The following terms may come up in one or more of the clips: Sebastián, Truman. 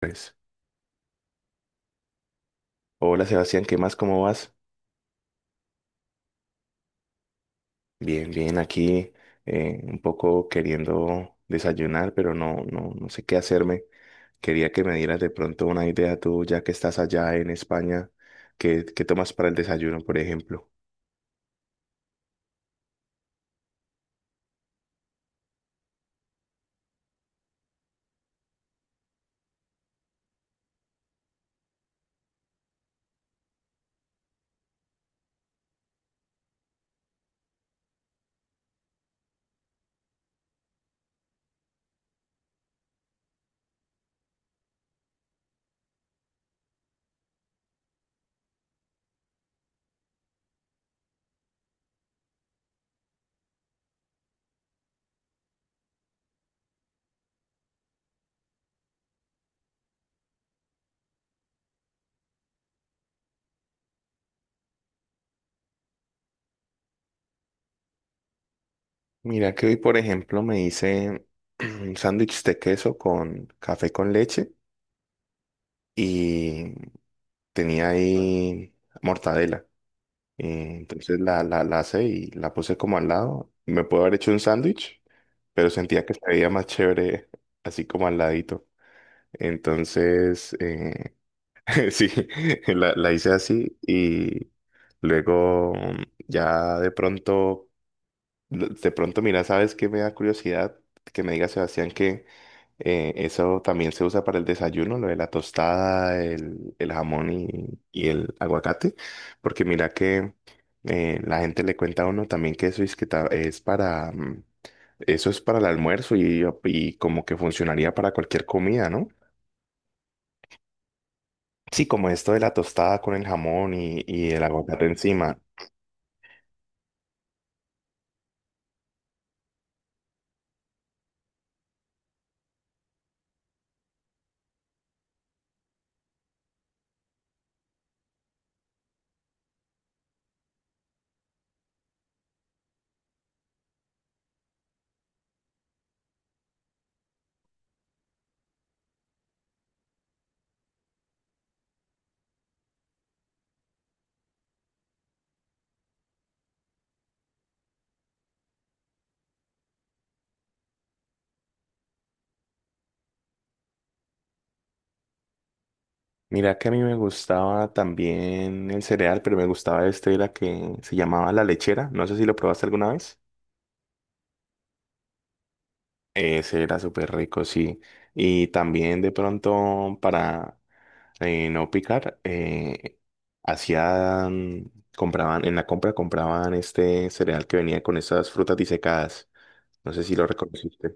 Pues, hola Sebastián, ¿qué más? ¿Cómo vas? Bien, bien, aquí un poco queriendo desayunar, pero no, no sé qué hacerme. Quería que me dieras de pronto una idea tú, ya que estás allá en España, ¿qué tomas para el desayuno, por ejemplo? Mira que hoy, por ejemplo, me hice un sándwich de queso con café con leche y tenía ahí mortadela. Entonces la asé y la puse como al lado. Me puedo haber hecho un sándwich, pero sentía que se veía más chévere así como al ladito. Entonces, sí, la hice así y luego ya de pronto De pronto, mira, ¿sabes qué me da curiosidad? Que me diga Sebastián que eso también se usa para el desayuno, lo de la tostada, el jamón y el aguacate. Porque mira que la gente le cuenta a uno también que eso es, es para, eso es para el almuerzo y como que funcionaría para cualquier comida, ¿no? Sí, como esto de la tostada con el jamón y el aguacate encima. Mira que a mí me gustaba también el cereal, pero me gustaba este, era que se llamaba la lechera. No sé si lo probaste alguna vez. Ese era súper rico, sí. Y también de pronto para no picar, hacían, compraban, en la compra compraban este cereal que venía con esas frutas disecadas. No sé si lo reconociste.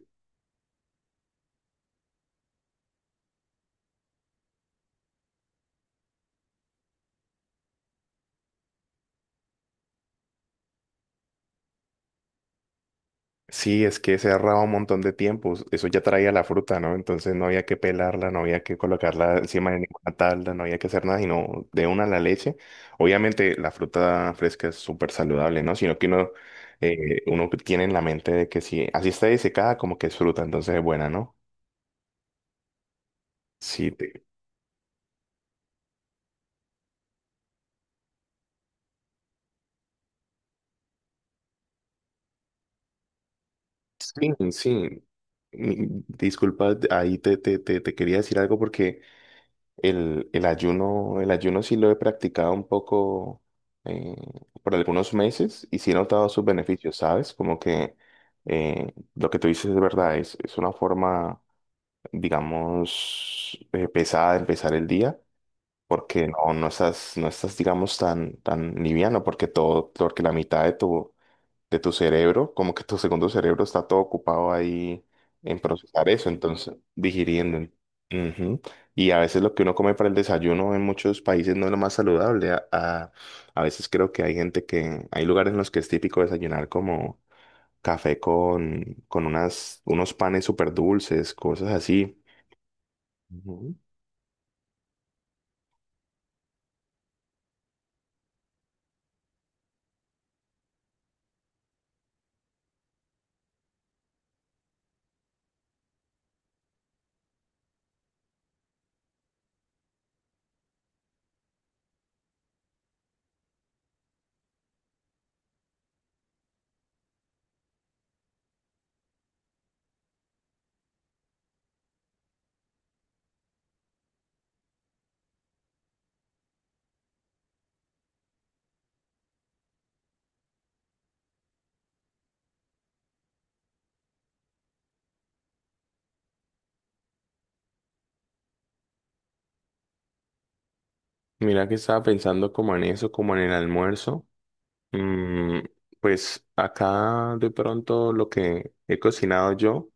Sí, es que se ahorraba un montón de tiempo. Eso ya traía la fruta, ¿no? Entonces no había que pelarla, no había que colocarla encima de ninguna tabla, no había que hacer nada, sino de una la leche. Obviamente la fruta fresca es súper saludable, ¿no? Sino que uno, uno tiene en la mente de que si así está disecada, como que es fruta, entonces es buena, ¿no? Sí, te- sí, sí. Disculpa, ahí te quería decir algo porque el ayuno sí lo he practicado un poco eh, por algunos meses y sí he notado sus beneficios, ¿sabes? Como que lo que tú dices es verdad, es una forma, digamos, pesada de empezar el día, porque no, no estás, no estás, digamos, tan, tan liviano, porque todo, porque la mitad de tu cerebro, como que tu segundo cerebro está todo ocupado ahí en procesar eso, entonces digiriendo. Ujú. Y a veces lo que uno come para el desayuno en muchos países no es lo más saludable. A veces creo que hay gente que, hay lugares en los que es típico desayunar como café con unas, unos panes súper dulces, cosas así. Ujú. Mira que estaba pensando como en eso, como en el almuerzo. Mm, pues acá de pronto lo que he cocinado yo.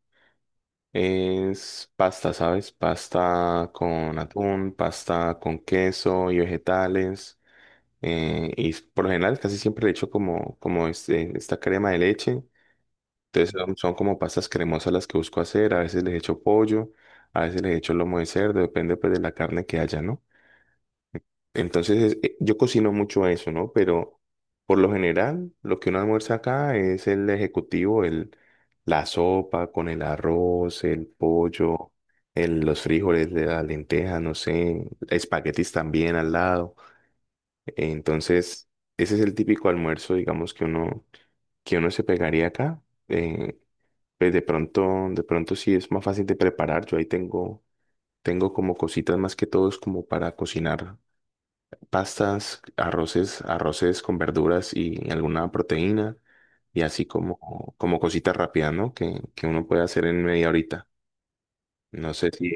Es pasta, ¿sabes? Pasta con atún, pasta con queso y vegetales. Por lo general casi siempre le echo como, como este, esta crema de leche. Entonces son, son como pastas cremosas las que busco hacer. A veces les echo pollo, a veces les echo lomo de cerdo, depende pues de la carne que haya, ¿no? Entonces, yo cocino mucho eso, ¿no? Pero por lo general, lo que uno almuerza acá es el ejecutivo, la sopa con el arroz, el pollo, los frijoles, de la lenteja, no sé, espaguetis también al lado. Entonces, ese es el típico almuerzo, digamos, que uno se pegaría acá. Eh, pues de pronto sí es más fácil de preparar. Tengo como cositas más que todo es como para cocinar pastas, arroces, arroces con verduras y alguna proteína y así como, como cositas rápidas, ¿no? Que uno puede hacer en media horita. No sé si...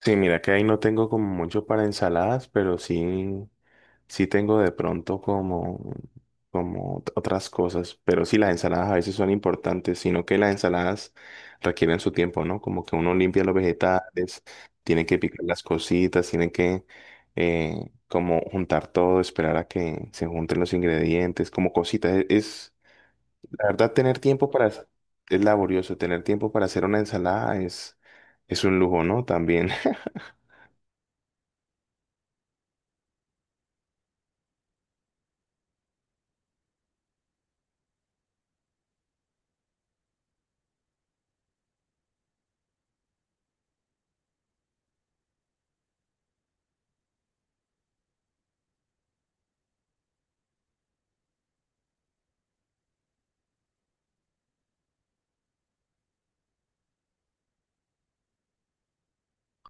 Sí, mira que ahí no tengo como mucho para ensaladas, pero sí sí tengo de pronto como, otras cosas, pero sí las ensaladas a veces son importantes, sino que las ensaladas requieren su tiempo, ¿no? Como que uno limpia los vegetales, tiene que picar las cositas, tiene que como juntar todo, esperar a que se junten los ingredientes, como cositas. La verdad, tener tiempo para, es laborioso, tener tiempo para hacer una ensalada es un lujo, ¿no? También.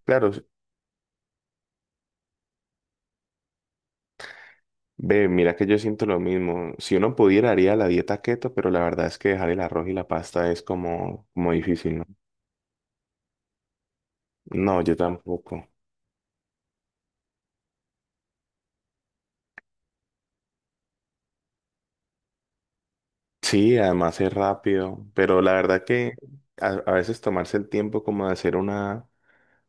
Claro, ve, mira que yo siento lo mismo. Si uno pudiera, haría la dieta keto, pero la verdad es que dejar el arroz y la pasta es como, como difícil, ¿no? No, yo tampoco. Sí, además es rápido, pero la verdad que a veces tomarse el tiempo como de hacer una,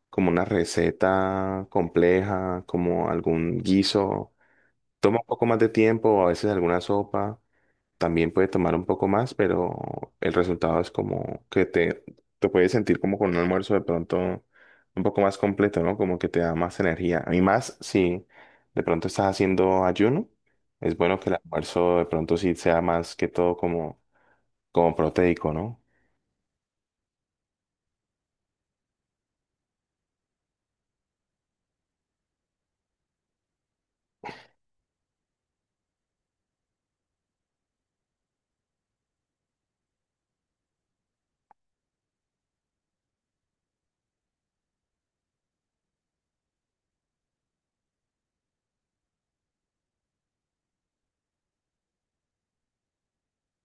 como una receta compleja, como algún guiso, toma un poco más de tiempo, o a veces alguna sopa. También puede tomar un poco más, pero el resultado es como que te puedes sentir como con un almuerzo de pronto un poco más completo, ¿no? Como que te da más energía. A mí más si de pronto estás haciendo ayuno, es bueno que el almuerzo de pronto sí sea más que todo como, como proteico, ¿no?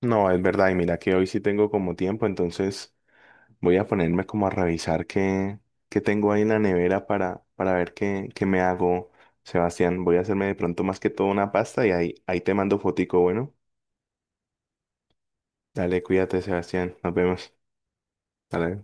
No, es verdad, y mira que hoy sí tengo como tiempo, entonces... Voy a ponerme como a revisar qué, qué tengo ahí en la nevera para ver qué, qué me hago, Sebastián. Voy a hacerme de pronto más que todo una pasta y ahí, ahí te mando fotico, bueno. Dale, cuídate, Sebastián. Nos vemos. Dale.